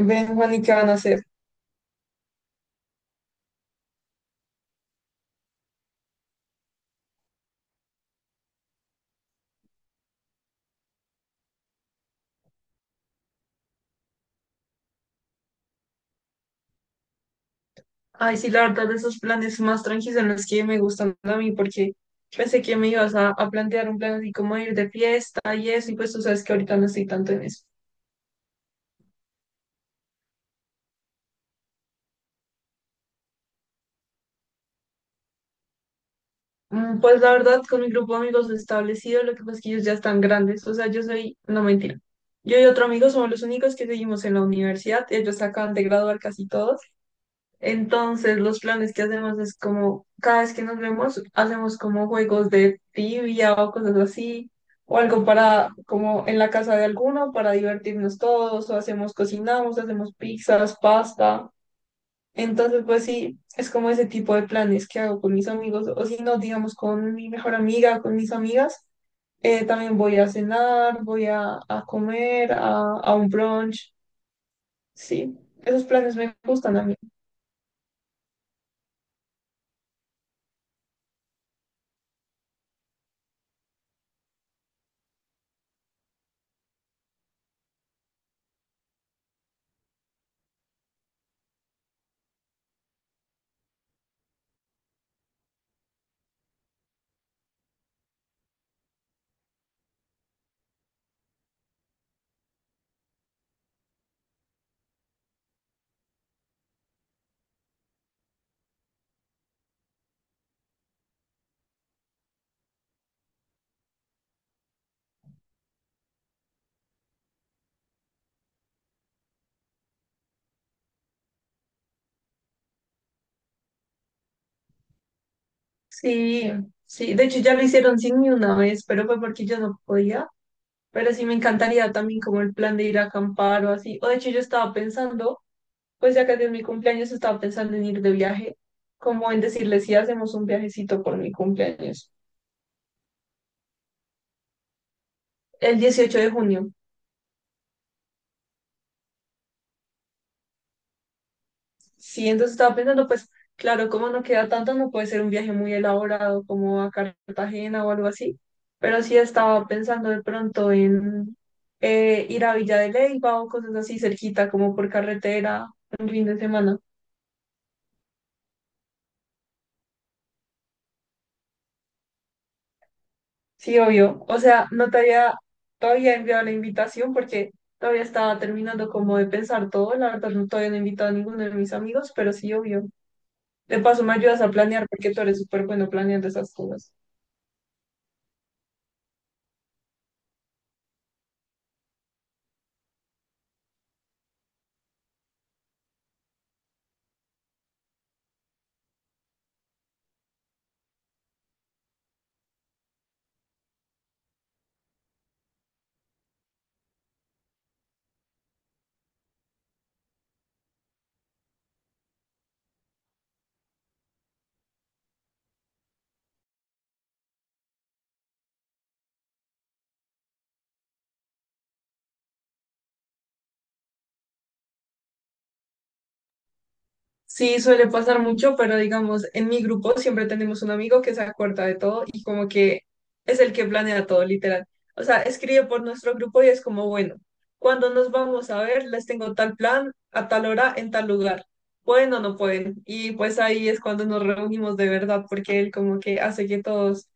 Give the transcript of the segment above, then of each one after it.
Ven, Juan, ¿y qué van a hacer? Ay, sí, la verdad, de esos planes más tranquilos son los que me gustan a mí, porque pensé que me ibas a plantear un plan así como ir de fiesta y eso, y pues tú sabes que ahorita no estoy tanto en eso. Pues la verdad, con mi grupo de amigos establecido, lo que pasa es que ellos ya están grandes, o sea, yo soy, no mentira. Yo y otro amigo somos los únicos que seguimos en la universidad, ellos se acaban de graduar casi todos. Entonces, los planes que hacemos es como, cada vez que nos vemos, hacemos como juegos de tibia o cosas así, o algo para, como en la casa de alguno, para divertirnos todos, o hacemos, cocinamos, hacemos pizzas, pasta. Entonces, pues sí, es como ese tipo de planes que hago con mis amigos, o si no, digamos, con mi mejor amiga, con mis amigas, también voy a cenar, voy a comer, a un brunch, sí, esos planes me gustan a mí. Sí, sí, de hecho ya lo hicieron sin mí una vez, pero fue porque yo no podía. Pero sí me encantaría también como el plan de ir a acampar o así. O de hecho yo estaba pensando, pues ya que es mi cumpleaños, estaba pensando en ir de viaje, como en decirle si hacemos un viajecito por mi cumpleaños, el 18 de junio. Sí, entonces estaba pensando, pues claro, como no queda tanto, no puede ser un viaje muy elaborado como a Cartagena o algo así, pero sí estaba pensando de pronto en ir a Villa de Leyva o cosas así cerquita, como por carretera, un fin de semana. Sí, obvio. O sea, no te había todavía enviado la invitación porque todavía estaba terminando como de pensar todo. La verdad, no, todavía no he invitado a ninguno de mis amigos, pero sí, obvio. De paso, me ayudas a planear porque tú eres súper bueno planeando esas cosas. Sí, suele pasar mucho, pero digamos, en mi grupo siempre tenemos un amigo que se acuerda de todo y como que es el que planea todo, literal. O sea, escribe por nuestro grupo y es como, bueno, cuando nos vamos a ver, les tengo tal plan a tal hora en tal lugar. ¿Pueden o no pueden? Y pues ahí es cuando nos reunimos de verdad, porque él como que hace que todos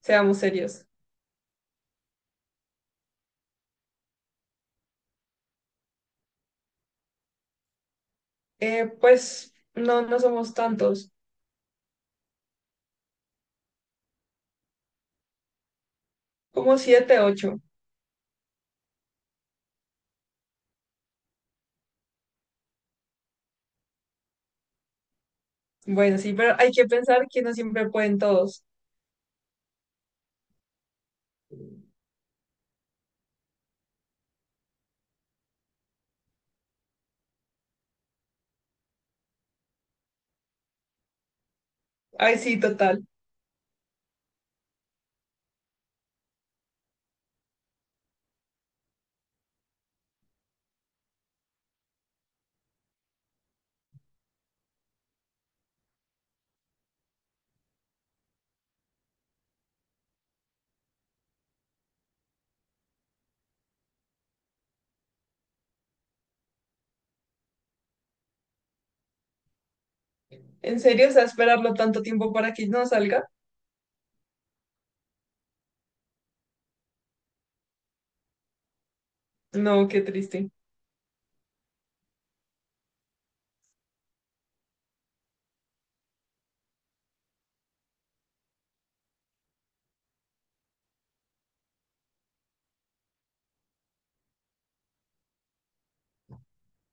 seamos serios. Pues no, no somos tantos, como siete, ocho. Bueno, sí, pero hay que pensar que no siempre pueden todos. Ay, sí, total. ¿En serio? O sea, esperarlo tanto tiempo para que no salga. No, qué triste.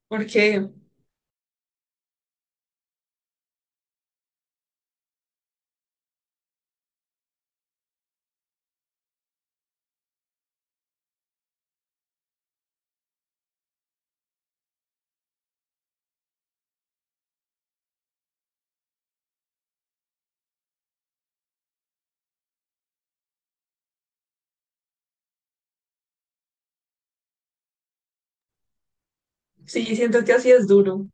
Porque sí, siento que así es duro.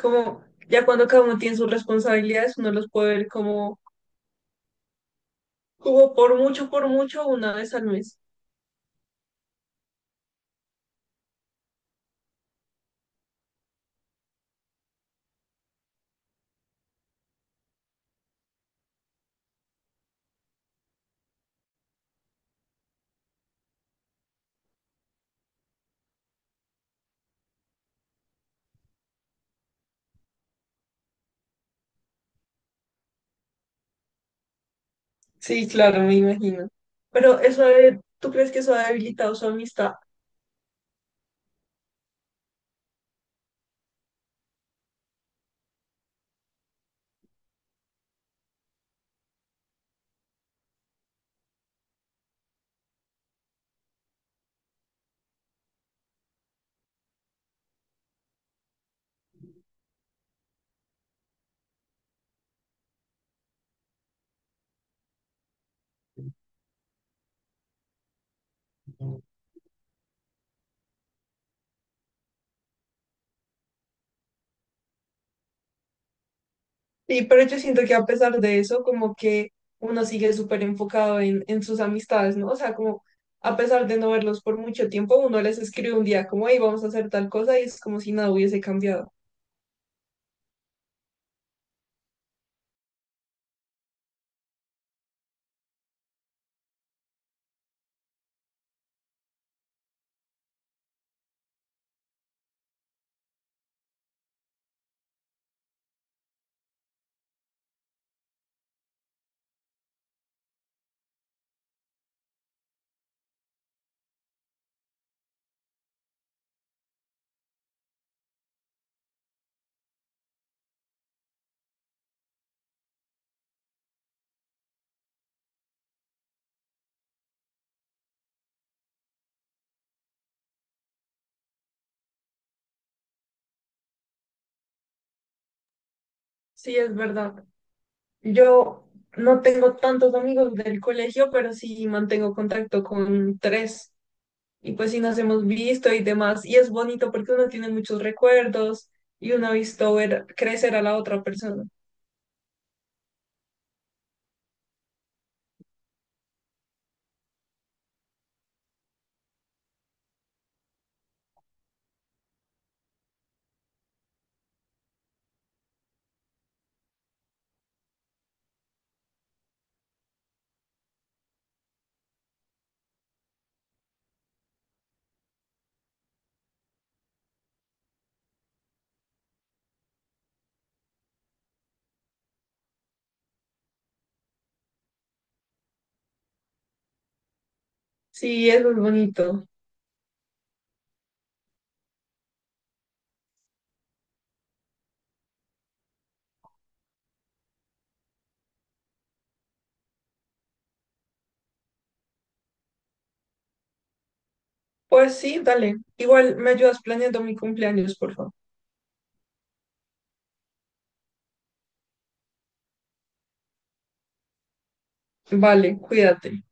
Como ya cuando cada uno tiene sus responsabilidades, uno los puede ver como, como por mucho, una vez al mes. Sí, claro, me imagino. Pero ¿tú crees que eso ha debilitado su amistad? Y pero yo siento que a pesar de eso, como que uno sigue súper enfocado en sus amistades, ¿no? O sea, como a pesar de no verlos por mucho tiempo, uno les escribe un día como, hey, vamos a hacer tal cosa y es como si nada hubiese cambiado. Sí, es verdad. Yo no tengo tantos amigos del colegio, pero sí mantengo contacto con tres. Y pues sí nos hemos visto y demás. Y es bonito porque uno tiene muchos recuerdos y uno ha visto ver crecer a la otra persona. Sí, eso es bonito. Pues sí, dale. Igual me ayudas planeando mi cumpleaños, por favor. Vale, cuídate.